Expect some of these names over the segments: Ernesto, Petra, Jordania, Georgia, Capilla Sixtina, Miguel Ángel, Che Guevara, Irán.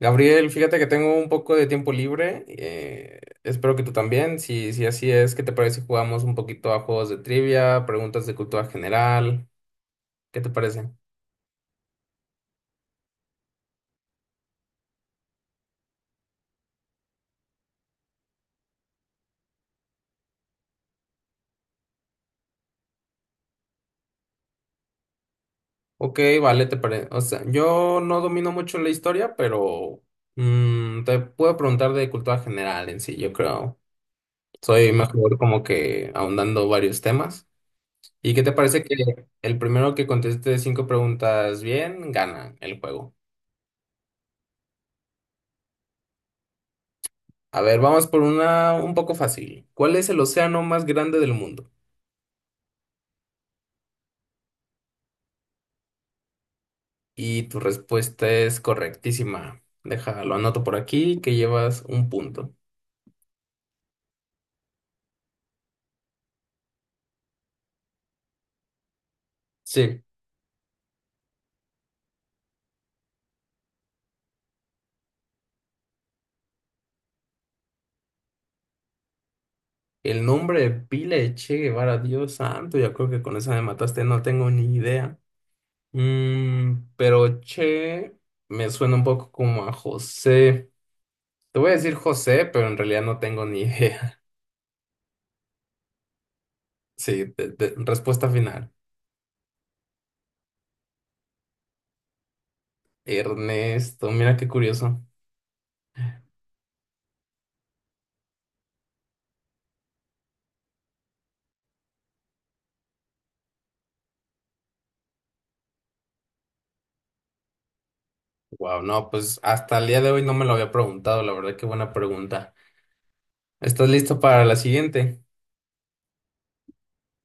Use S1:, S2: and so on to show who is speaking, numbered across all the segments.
S1: Gabriel, fíjate que tengo un poco de tiempo libre. Espero que tú también. Si así es, ¿qué te parece si jugamos un poquito a juegos de trivia, preguntas de cultura general? ¿Qué te parece? Ok, vale, te parece. O sea, yo no domino mucho la historia, pero te puedo preguntar de cultura general en sí, yo creo. Soy mejor como que ahondando varios temas. ¿Y qué te parece que el primero que conteste cinco preguntas bien, gana el juego? A ver, vamos por una un poco fácil. ¿Cuál es el océano más grande del mundo? Y tu respuesta es correctísima. Déjalo, anoto por aquí que llevas un punto. Sí, el nombre de pila de Che Guevara, Dios santo, ya creo que con esa me mataste, no tengo ni idea. Pero Che me suena un poco como a José. Te voy a decir José, pero en realidad no tengo ni idea. Sí, respuesta final. Ernesto, mira qué curioso. Wow, no, pues hasta el día de hoy no me lo había preguntado, la verdad, qué buena pregunta. ¿Estás listo para la siguiente?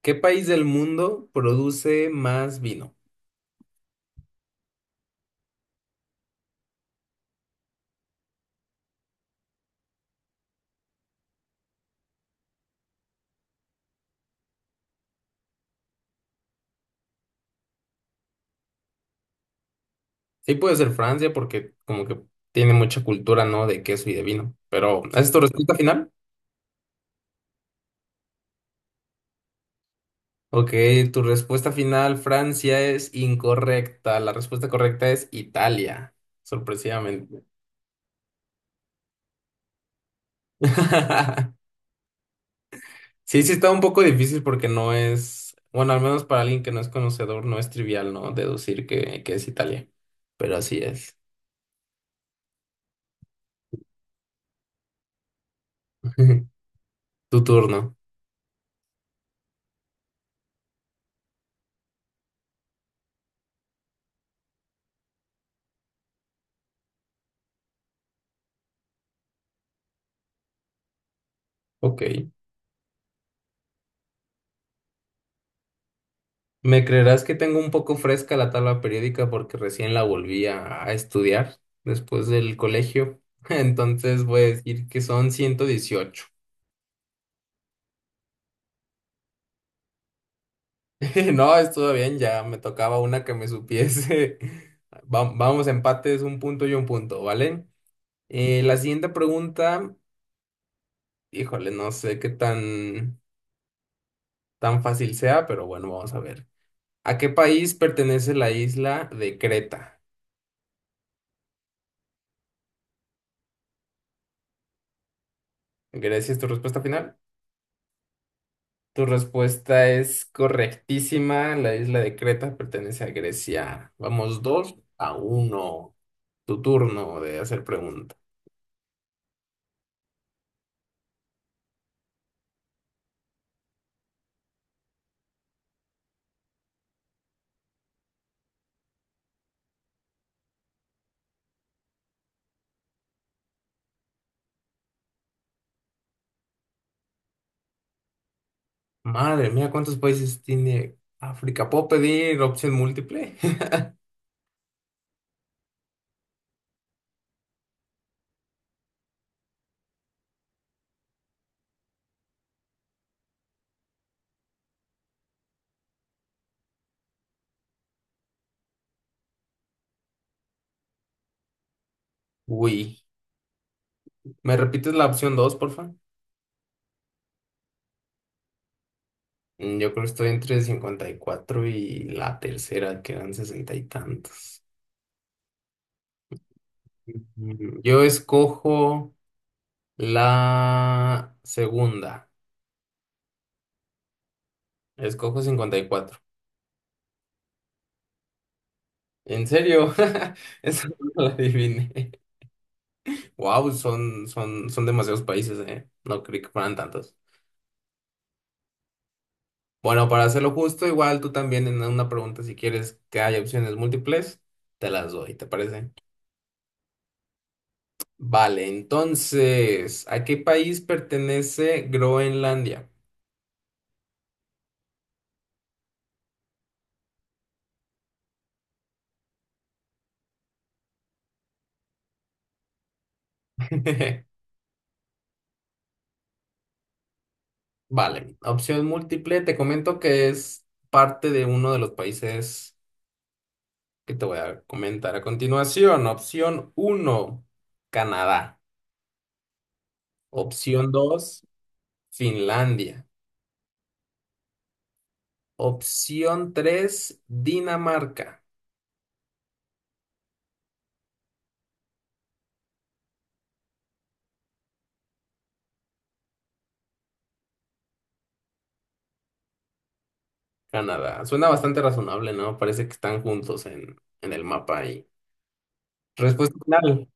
S1: ¿Qué país del mundo produce más vino? Sí puede ser Francia porque como que tiene mucha cultura, ¿no? De queso y de vino. Pero, ¿esa ¿es tu respuesta final? Ok, tu respuesta final, Francia, es incorrecta. La respuesta correcta es Italia, sorpresivamente. Sí, sí está un poco difícil porque no es, bueno, al menos para alguien que no es conocedor, no es trivial, ¿no? Deducir que es Italia, pero así es. Tu turno. Ok. ¿Me creerás que tengo un poco fresca la tabla periódica porque recién la volví a estudiar después del colegio? Entonces voy a decir que son 118. No, estuvo bien, ya me tocaba una que me supiese. Vamos, empates, un punto y un punto, ¿vale? La siguiente pregunta. Híjole, no sé qué tan fácil sea, pero bueno, vamos a ver. ¿A qué país pertenece la isla de Creta? Grecia es tu respuesta final. Tu respuesta es correctísima. La isla de Creta pertenece a Grecia. Vamos 2-1. Tu turno de hacer pregunta. Madre mía, ¿cuántos países tiene África? ¿Puedo pedir opción múltiple? Uy. ¿Me repites la opción dos, porfa? Yo creo que estoy entre 54 y cuatro y la tercera, que eran sesenta y tantos. Yo escojo la segunda. Escojo 54. ¿En serio? Eso no lo adiviné. Wow, son demasiados países, ¿eh? No creí que fueran tantos. Bueno, para hacerlo justo, igual tú también en una pregunta, si quieres que haya opciones múltiples, te las doy, ¿te parece? Vale, entonces, ¿a qué país pertenece Groenlandia? Vale, opción múltiple, te comento que es parte de uno de los países que te voy a comentar a continuación. Opción uno, Canadá. Opción 2, Finlandia. Opción 3, Dinamarca, Canadá. Suena bastante razonable, ¿no? Parece que están juntos en el mapa ahí. Respuesta final.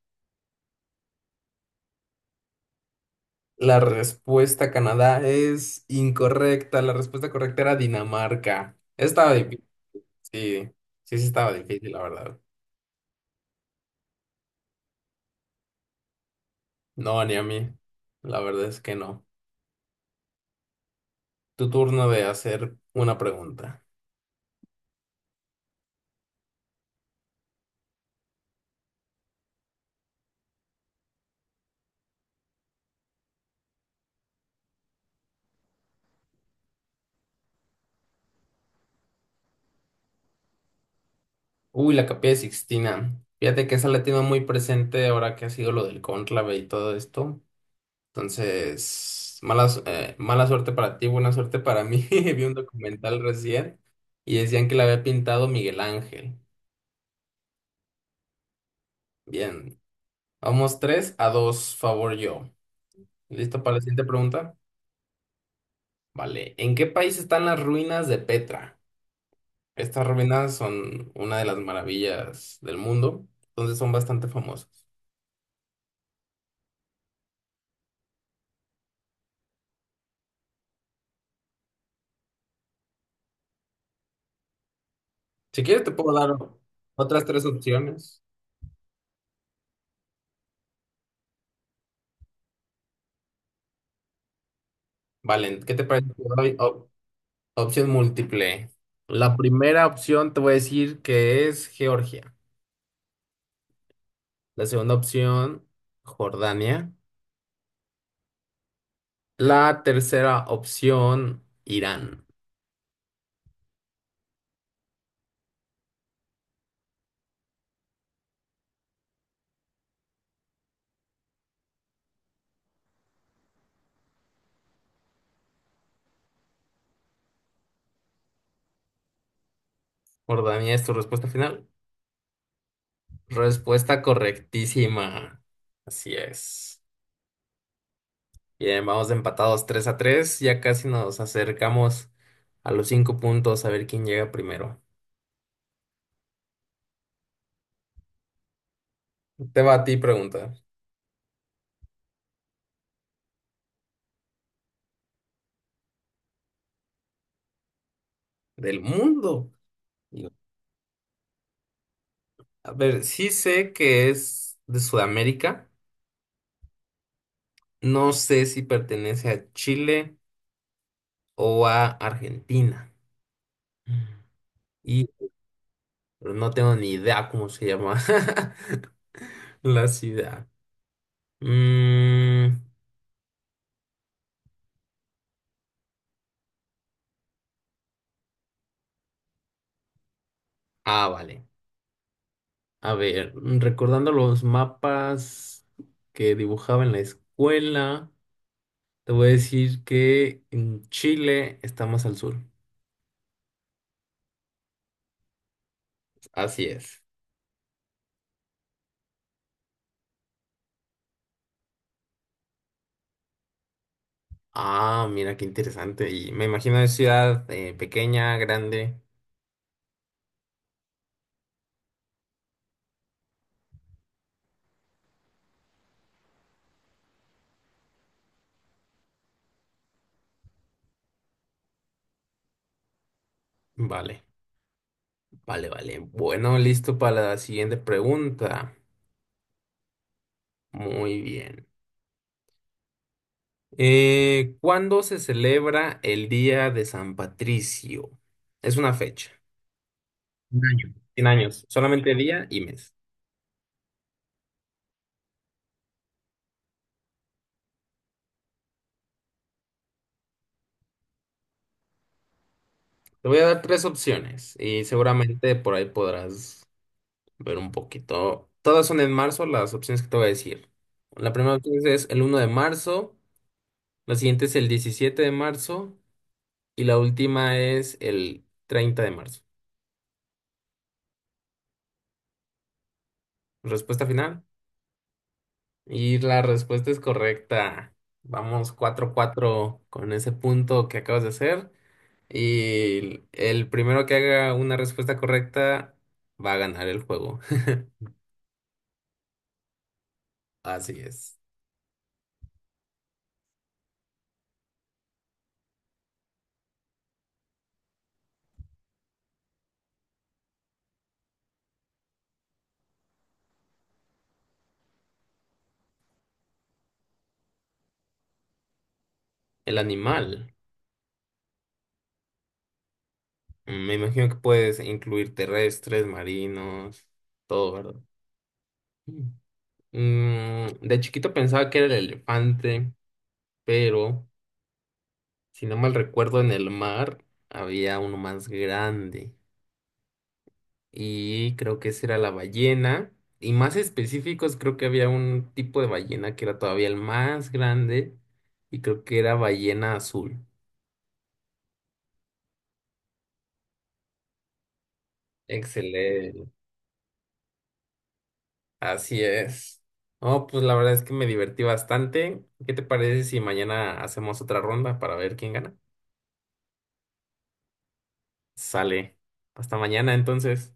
S1: La respuesta Canadá es incorrecta. La respuesta correcta era Dinamarca. Estaba difícil, sí. Sí, sí estaba difícil, la verdad. No, ni a mí. La verdad es que no. Tu turno de hacer una pregunta. Uy, la Capilla Sixtina. Fíjate que esa la tengo muy presente ahora que ha sido lo del cónclave y todo esto. Entonces, mala suerte para ti, buena suerte para mí. Vi un documental recién y decían que la había pintado Miguel Ángel. Bien. Vamos 3-2 favor yo. ¿Listo para la siguiente pregunta? Vale. ¿En qué país están las ruinas de Petra? Estas ruinas son una de las maravillas del mundo, entonces son bastante famosas. Si quieres, te puedo dar otras tres opciones. Vale, ¿qué te parece si te doy opción múltiple? La primera opción te voy a decir que es Georgia. La segunda opción, Jordania. La tercera opción, Irán. Jordania es tu respuesta final. Respuesta correctísima. Así es. Bien, vamos empatados 3-3. Ya casi nos acercamos a los 5 puntos a ver quién llega primero. Te va a ti pregunta. ¿Del mundo? Digo, a ver, sí sé que es de Sudamérica. No sé si pertenece a Chile o a Argentina. Mm. Y pero no tengo ni idea cómo se llama la ciudad. Mm, ah, vale. A ver, recordando los mapas que dibujaba en la escuela, te voy a decir que en Chile está más al sur. Así es. Ah, mira qué interesante. Y me imagino es ciudad pequeña, grande. Vale, vale, vale. Bueno, listo para la siguiente pregunta. Muy bien. ¿Cuándo se celebra el Día de San Patricio? Es una fecha. Un año. 100 años. Solamente día y mes. Te voy a dar tres opciones y seguramente por ahí podrás ver un poquito. Todas son en marzo las opciones que te voy a decir. La primera opción es el 1 de marzo, la siguiente es el 17 de marzo y la última es el 30 de marzo. Respuesta final. Y la respuesta es correcta. Vamos 4-4 con ese punto que acabas de hacer. Y el primero que haga una respuesta correcta va a ganar el juego. Así es. El animal. Me imagino que puedes incluir terrestres, marinos, todo, ¿verdad? Mm, de chiquito pensaba que era el elefante, pero si no mal recuerdo, en el mar había uno más grande. Y creo que esa era la ballena. Y más específicos, creo que había un tipo de ballena que era todavía el más grande. Y creo que era ballena azul. Excelente. Así es. No, pues la verdad es que me divertí bastante. ¿Qué te parece si mañana hacemos otra ronda para ver quién gana? Sale. Hasta mañana entonces.